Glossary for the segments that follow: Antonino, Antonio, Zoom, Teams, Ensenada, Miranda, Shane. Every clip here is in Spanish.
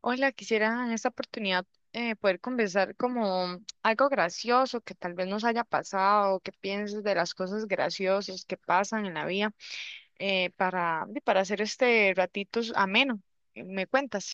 Hola, quisiera en esta oportunidad poder conversar como algo gracioso que tal vez nos haya pasado, qué piensas de las cosas graciosas que pasan en la vida y para hacer este ratito ameno. ¿Me cuentas?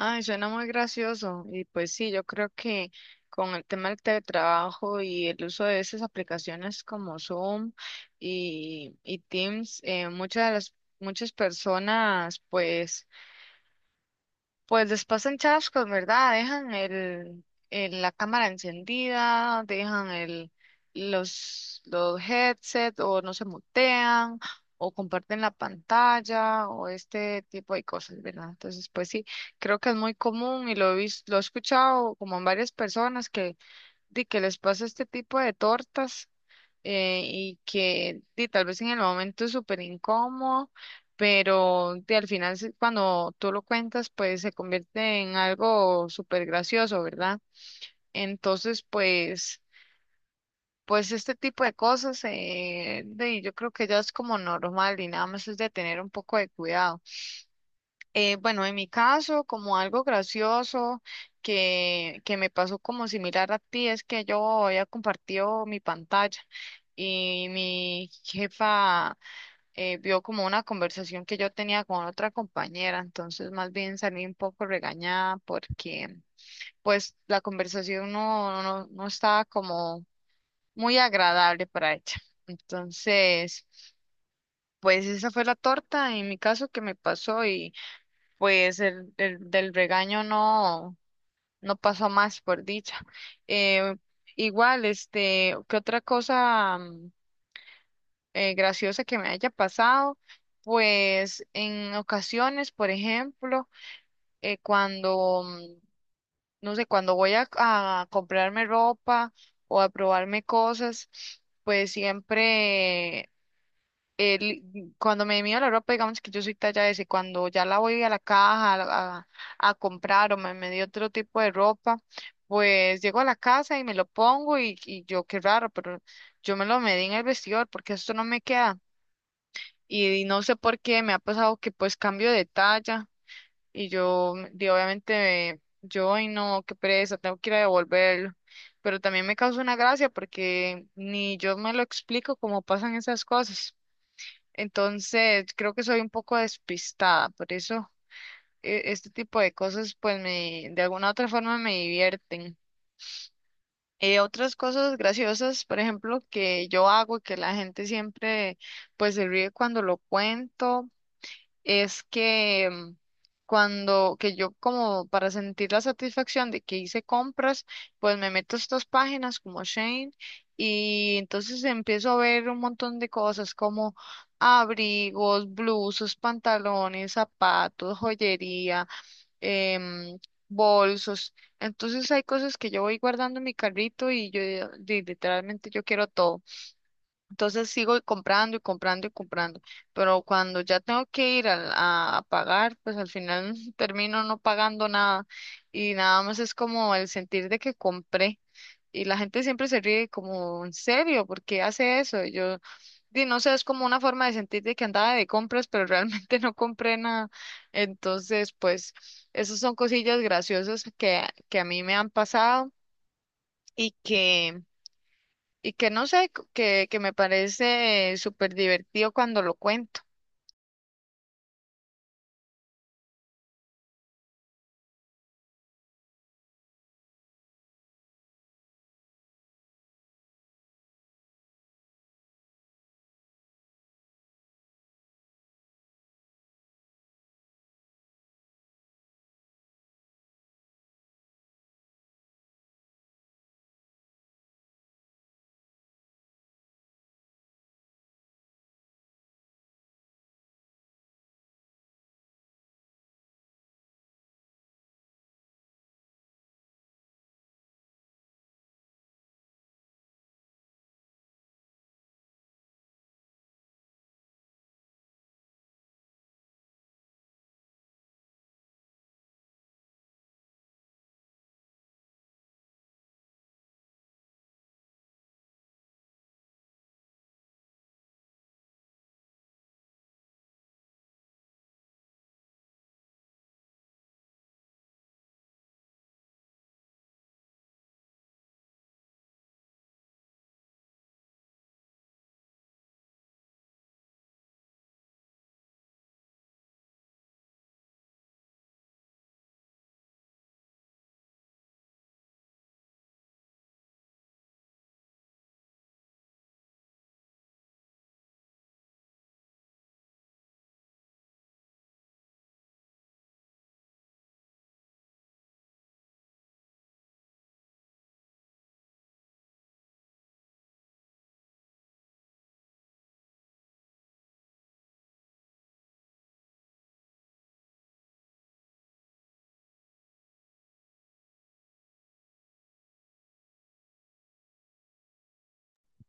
Ay, suena muy gracioso. Y pues sí, yo creo que con el tema del teletrabajo y el uso de esas aplicaciones como Zoom y Teams, muchas personas pues les pasan chascos, ¿verdad? Dejan la cámara encendida, dejan los headset o no se mutean o comparten la pantalla o este tipo de cosas, ¿verdad? Entonces, pues sí, creo que es muy común y lo he escuchado como en varias personas que, de que les pasa este tipo de tortas y que di, tal vez en el momento es súper incómodo, pero di, al final cuando tú lo cuentas, pues se convierte en algo súper gracioso, ¿verdad? Entonces, pues este tipo de cosas, di, yo creo que ya es como normal y nada más es de tener un poco de cuidado. Bueno, en mi caso, como algo gracioso que me pasó como similar a ti, es que yo había compartido mi pantalla y mi jefa vio como una conversación que yo tenía con otra compañera, entonces más bien salí un poco regañada porque pues la conversación no estaba como muy agradable para ella. Entonces, pues esa fue la torta en mi caso que me pasó pues el del regaño no pasó más, por dicha. Eh, igual, este, ¿qué otra cosa graciosa que me haya pasado? Pues en ocasiones, por ejemplo, eh, cuando, mm, no sé, cuando voy a comprarme ropa o a probarme cosas, pues siempre cuando me mido la ropa, digamos que yo soy talla S, cuando ya la voy a la caja a comprar o me medí otro tipo de ropa, pues llego a la casa y me lo pongo y yo qué raro, pero yo me lo medí en el vestidor porque esto no me queda. Y, no sé por qué me ha pasado que pues cambio de talla y yo, obviamente, yo, ay no, qué pereza, tengo que ir a devolverlo. Pero también me causa una gracia porque ni yo me lo explico cómo pasan esas cosas. Entonces, creo que soy un poco despistada, por eso este tipo de cosas, pues me, de alguna otra forma me divierten. Otras cosas graciosas, por ejemplo, que yo hago, que la gente siempre, pues se ríe cuando lo cuento, es que que yo como para sentir la satisfacción de que hice compras, pues me meto a estas páginas como Shane y entonces empiezo a ver un montón de cosas como abrigos, blusas, pantalones, zapatos, joyería, em, bolsos. Entonces hay cosas que yo voy guardando en mi carrito y yo literalmente yo quiero todo. Entonces sigo comprando y comprando y comprando, pero cuando ya tengo que ir a pagar, pues al final termino no pagando nada y nada más es como el sentir de que compré y la gente siempre se ríe como, ¿en serio? ¿Por qué hace eso? Y yo, di, no sé, es como una forma de sentir de que andaba de compras, pero realmente no compré nada. Entonces, pues esas son cosillas graciosas que a mí me han pasado y que... Y que no sé, que me parece súper divertido cuando lo cuento.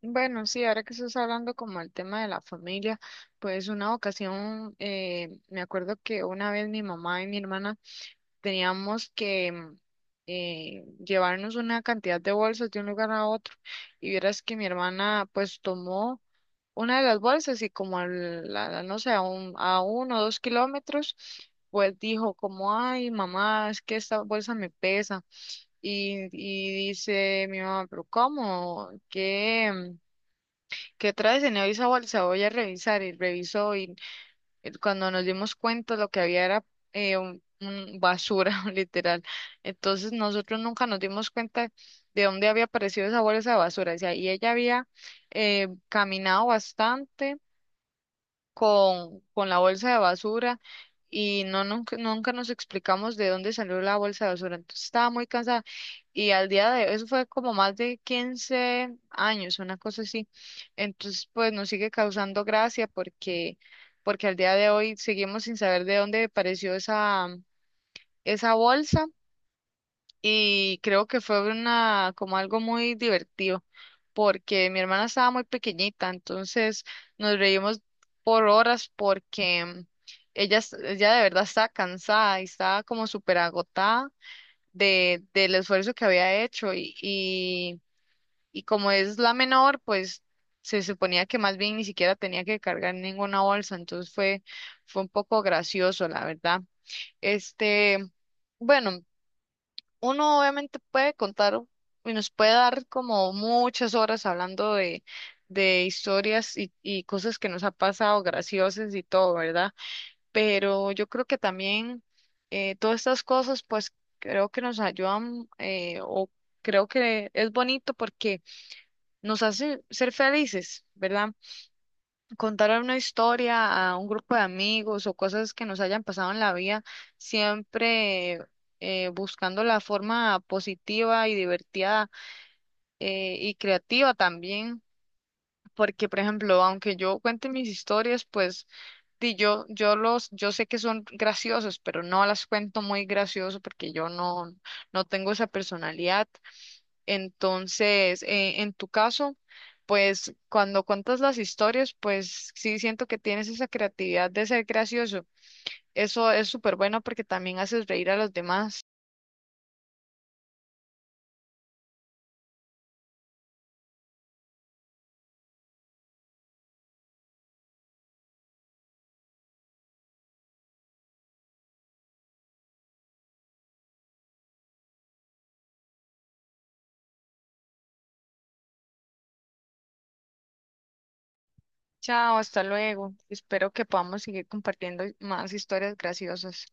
Bueno, sí, ahora que estás hablando como el tema de la familia, pues una ocasión, me acuerdo que una vez mi mamá y mi hermana teníamos que llevarnos una cantidad de bolsas de un lugar a otro. Y vieras que mi hermana pues tomó una de las bolsas y como no sé, a 1 o 2 kilómetros, pues dijo como, ay, mamá, es que esta bolsa me pesa. Y dice mi mamá, pero ¿cómo? ¿Qué traes en esa bolsa? Voy a revisar. Y revisó y cuando nos dimos cuenta lo que había era un basura, literal. Entonces nosotros nunca nos dimos cuenta de dónde había aparecido esa bolsa de basura. O sea, y ella había caminado bastante con la bolsa de basura y no nunca nos explicamos de dónde salió la bolsa de basura. Entonces estaba muy cansada y al día de eso fue como más de 15 años, una cosa así. Entonces pues nos sigue causando gracia porque porque al día de hoy seguimos sin saber de dónde apareció esa bolsa y creo que fue una como algo muy divertido porque mi hermana estaba muy pequeñita, entonces nos reímos por horas porque ella, ella de verdad estaba cansada y estaba como súper agotada del esfuerzo que había hecho y como es la menor, pues se suponía que más bien ni siquiera tenía que cargar ninguna bolsa, entonces fue un poco gracioso, la verdad. Este, bueno, uno obviamente puede contar y nos puede dar como muchas horas hablando de historias y cosas que nos ha pasado, graciosas y todo, ¿verdad? Pero yo creo que también todas estas cosas, pues creo que nos ayudan o creo que es bonito porque nos hace ser felices, ¿verdad? Contar una historia a un grupo de amigos o cosas que nos hayan pasado en la vida, siempre buscando la forma positiva y divertida y creativa también. Porque, por ejemplo, aunque yo cuente mis historias, pues sí, yo sé que son graciosos, pero no las cuento muy gracioso porque yo no tengo esa personalidad. Entonces, en tu caso, pues cuando cuentas las historias, pues sí siento que tienes esa creatividad de ser gracioso. Eso es súper bueno porque también haces reír a los demás. Chao, hasta luego. Espero que podamos seguir compartiendo más historias graciosas.